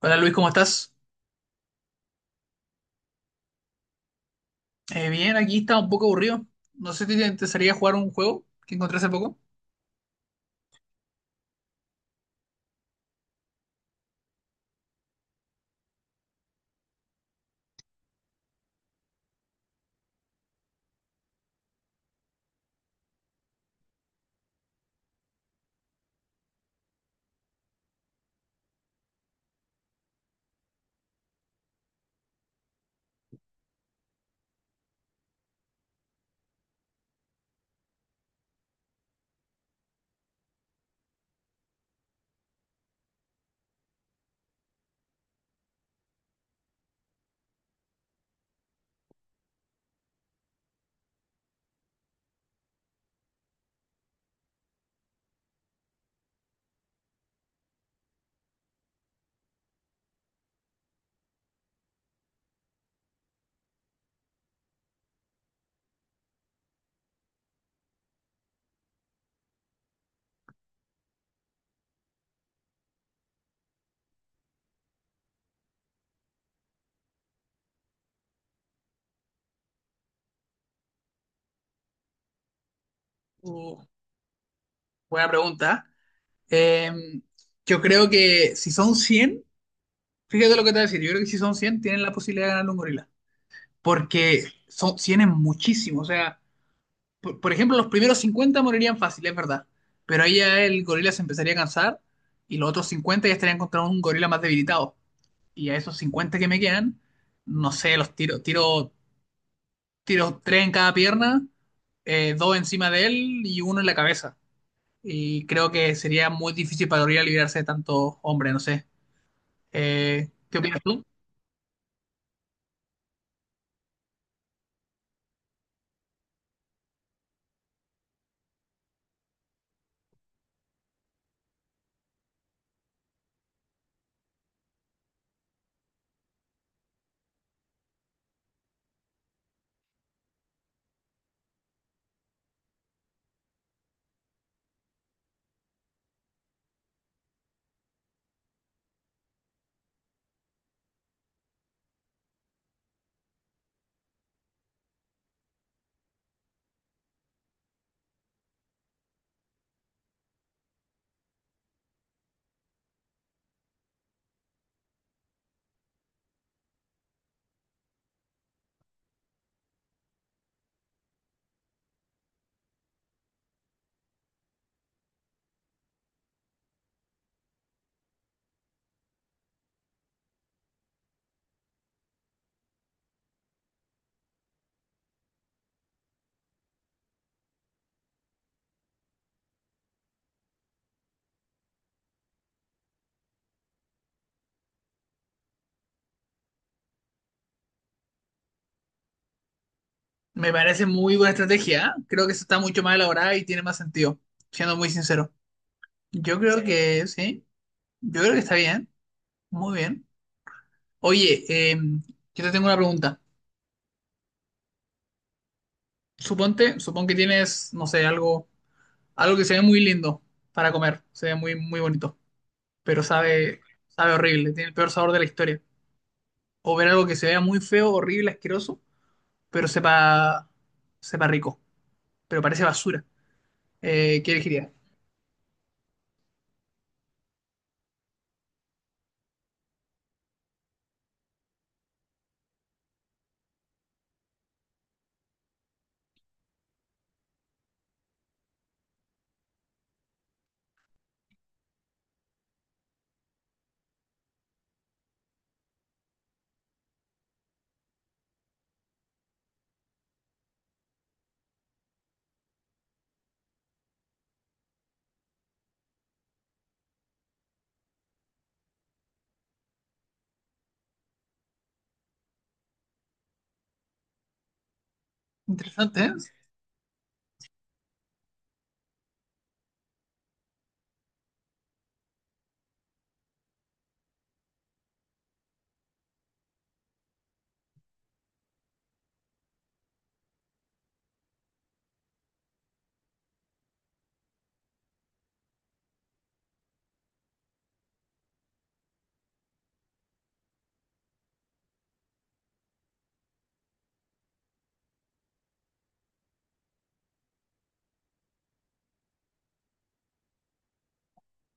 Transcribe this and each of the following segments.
Hola Luis, ¿cómo estás? Bien, aquí está un poco aburrido. No sé si te interesaría jugar un juego que encontré hace poco. Uh, buena pregunta. ¿eh? Eh, yo creo que si son 100, fíjate lo que te voy a decir. Yo creo que si son 100 tienen la posibilidad de ganar un gorila. Porque son 100 es muchísimo. O sea, por ejemplo, los primeros 50 morirían fácil, es verdad. Pero ahí ya el gorila se empezaría a cansar y los otros 50 ya estarían contra un gorila más debilitado y a esos 50 que me quedan, no sé, los tiro tres en cada pierna, dos encima de él y uno en la cabeza. Y creo que sería muy difícil para Gabriela librarse de tanto hombre, no sé. ¿Qué opinas tú? Me parece muy buena estrategia. ¿Eh? Creo que esa está mucho más elaborada y tiene más sentido, siendo muy sincero. Yo creo sí que sí, yo creo que está bien, muy bien. Oye, eh, yo te tengo una pregunta. Supón que tienes, no sé, algo que se ve muy lindo para comer, se ve muy, muy bonito pero sabe horrible, tiene el peor sabor de la historia. O ver algo que se vea muy feo, horrible, asqueroso, pero sepa rico, pero parece basura. ¿Qué elegiría? Interesante, ¿eh?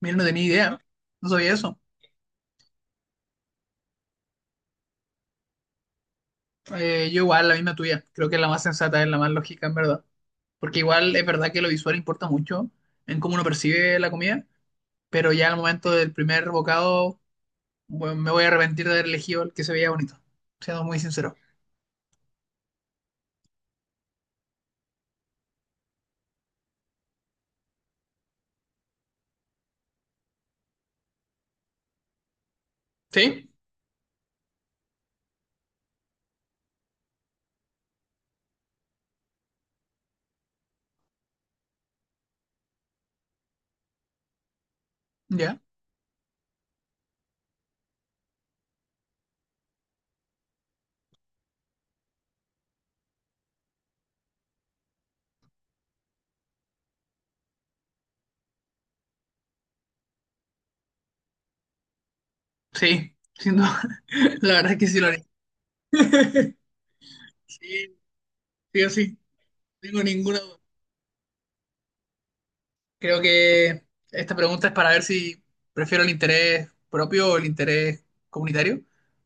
Mira, no tenía idea, no sabía eso. Yo igual, la misma tuya, creo que es la más sensata, es la más lógica, en verdad. Porque igual es verdad que lo visual importa mucho en cómo uno percibe la comida, pero ya al momento del primer bocado, bueno, me voy a arrepentir de haber elegido el que se veía bonito, siendo muy sincero. ¿Sí? ¿Ya? Sí, sin duda. La verdad es que sí lo haría. Sí, sí o sí, no tengo ninguna duda. Creo que esta pregunta es para ver si prefiero el interés propio o el interés comunitario.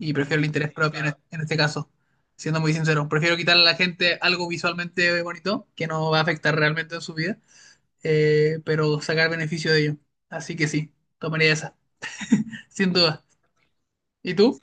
Y prefiero el interés propio en este caso, siendo muy sincero. Prefiero quitarle a la gente algo visualmente bonito que no va a afectar realmente en su vida, pero sacar beneficio de ello. Así que sí, tomaría esa, sin duda. ¿Y tú?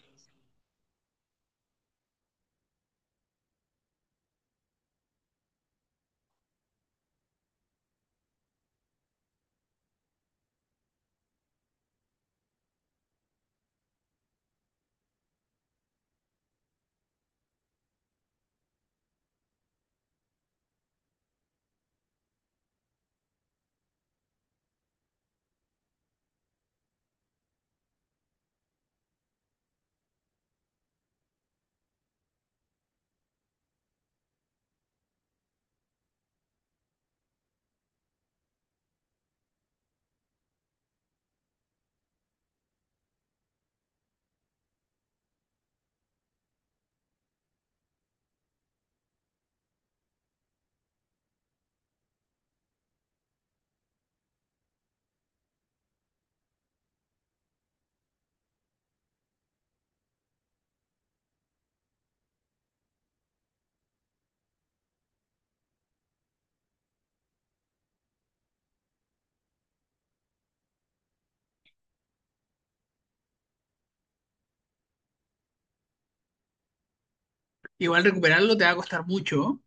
Igual recuperarlo te va a costar mucho, ¿no?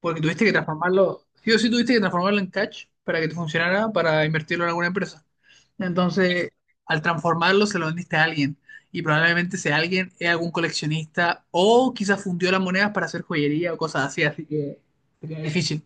Porque tuviste que transformarlo, sí o sí tuviste que transformarlo en cash para que te funcionara para invertirlo en alguna empresa. Entonces, al transformarlo se lo vendiste a alguien. Y probablemente ese alguien es algún coleccionista o quizás fundió las monedas para hacer joyería o cosas así, así que es difícil.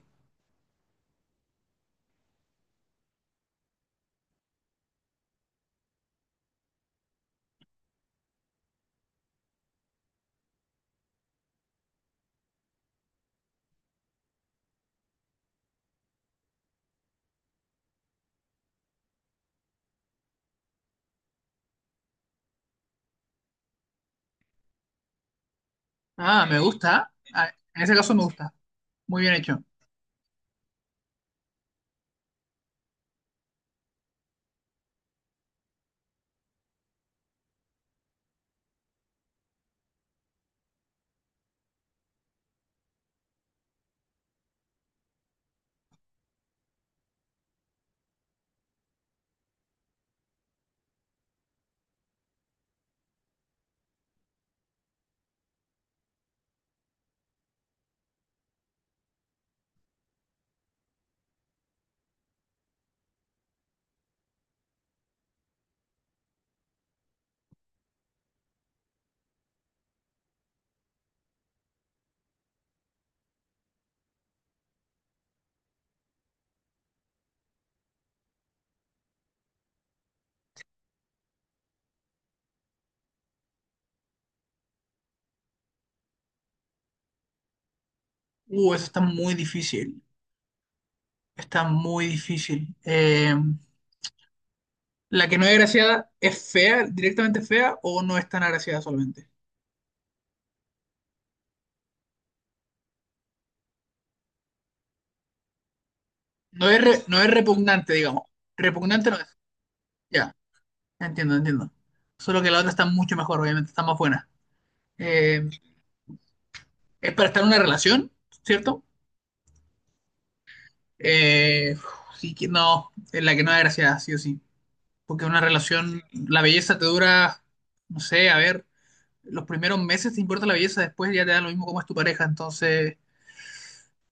Ah, me gusta. Ah, en ese caso me gusta. Muy bien hecho. Eso está muy difícil. Está muy difícil. ¿La que no es agraciada es fea, directamente fea o no es tan agraciada solamente? No es repugnante, digamos. Repugnante no es. Ya, entiendo, entiendo. Solo que la otra está mucho mejor, obviamente, está más buena. Eh, es para estar en una relación, ¿cierto? Eh, sí que no, es la que no da gracia, sí o sí. Porque una relación, la belleza te dura, no sé, a ver, los primeros meses te importa la belleza, después ya te da lo mismo cómo es tu pareja. Entonces,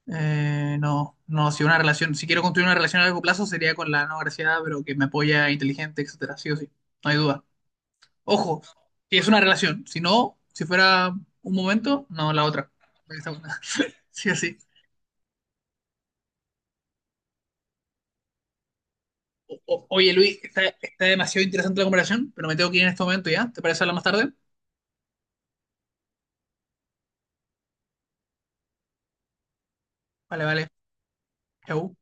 no, no, si una relación, si quiero construir una relación a largo plazo sería con la no graciada, pero que me apoya, inteligente, etcétera, sí o sí. No hay duda. Ojo, que es una relación. Si no, si fuera un momento, no la otra. Esta una. Sí, así. Oye, Luis, está demasiado interesante la conversación, pero me tengo que ir en este momento ya. ¿Te parece hablar más tarde? Vale, vale. Chau.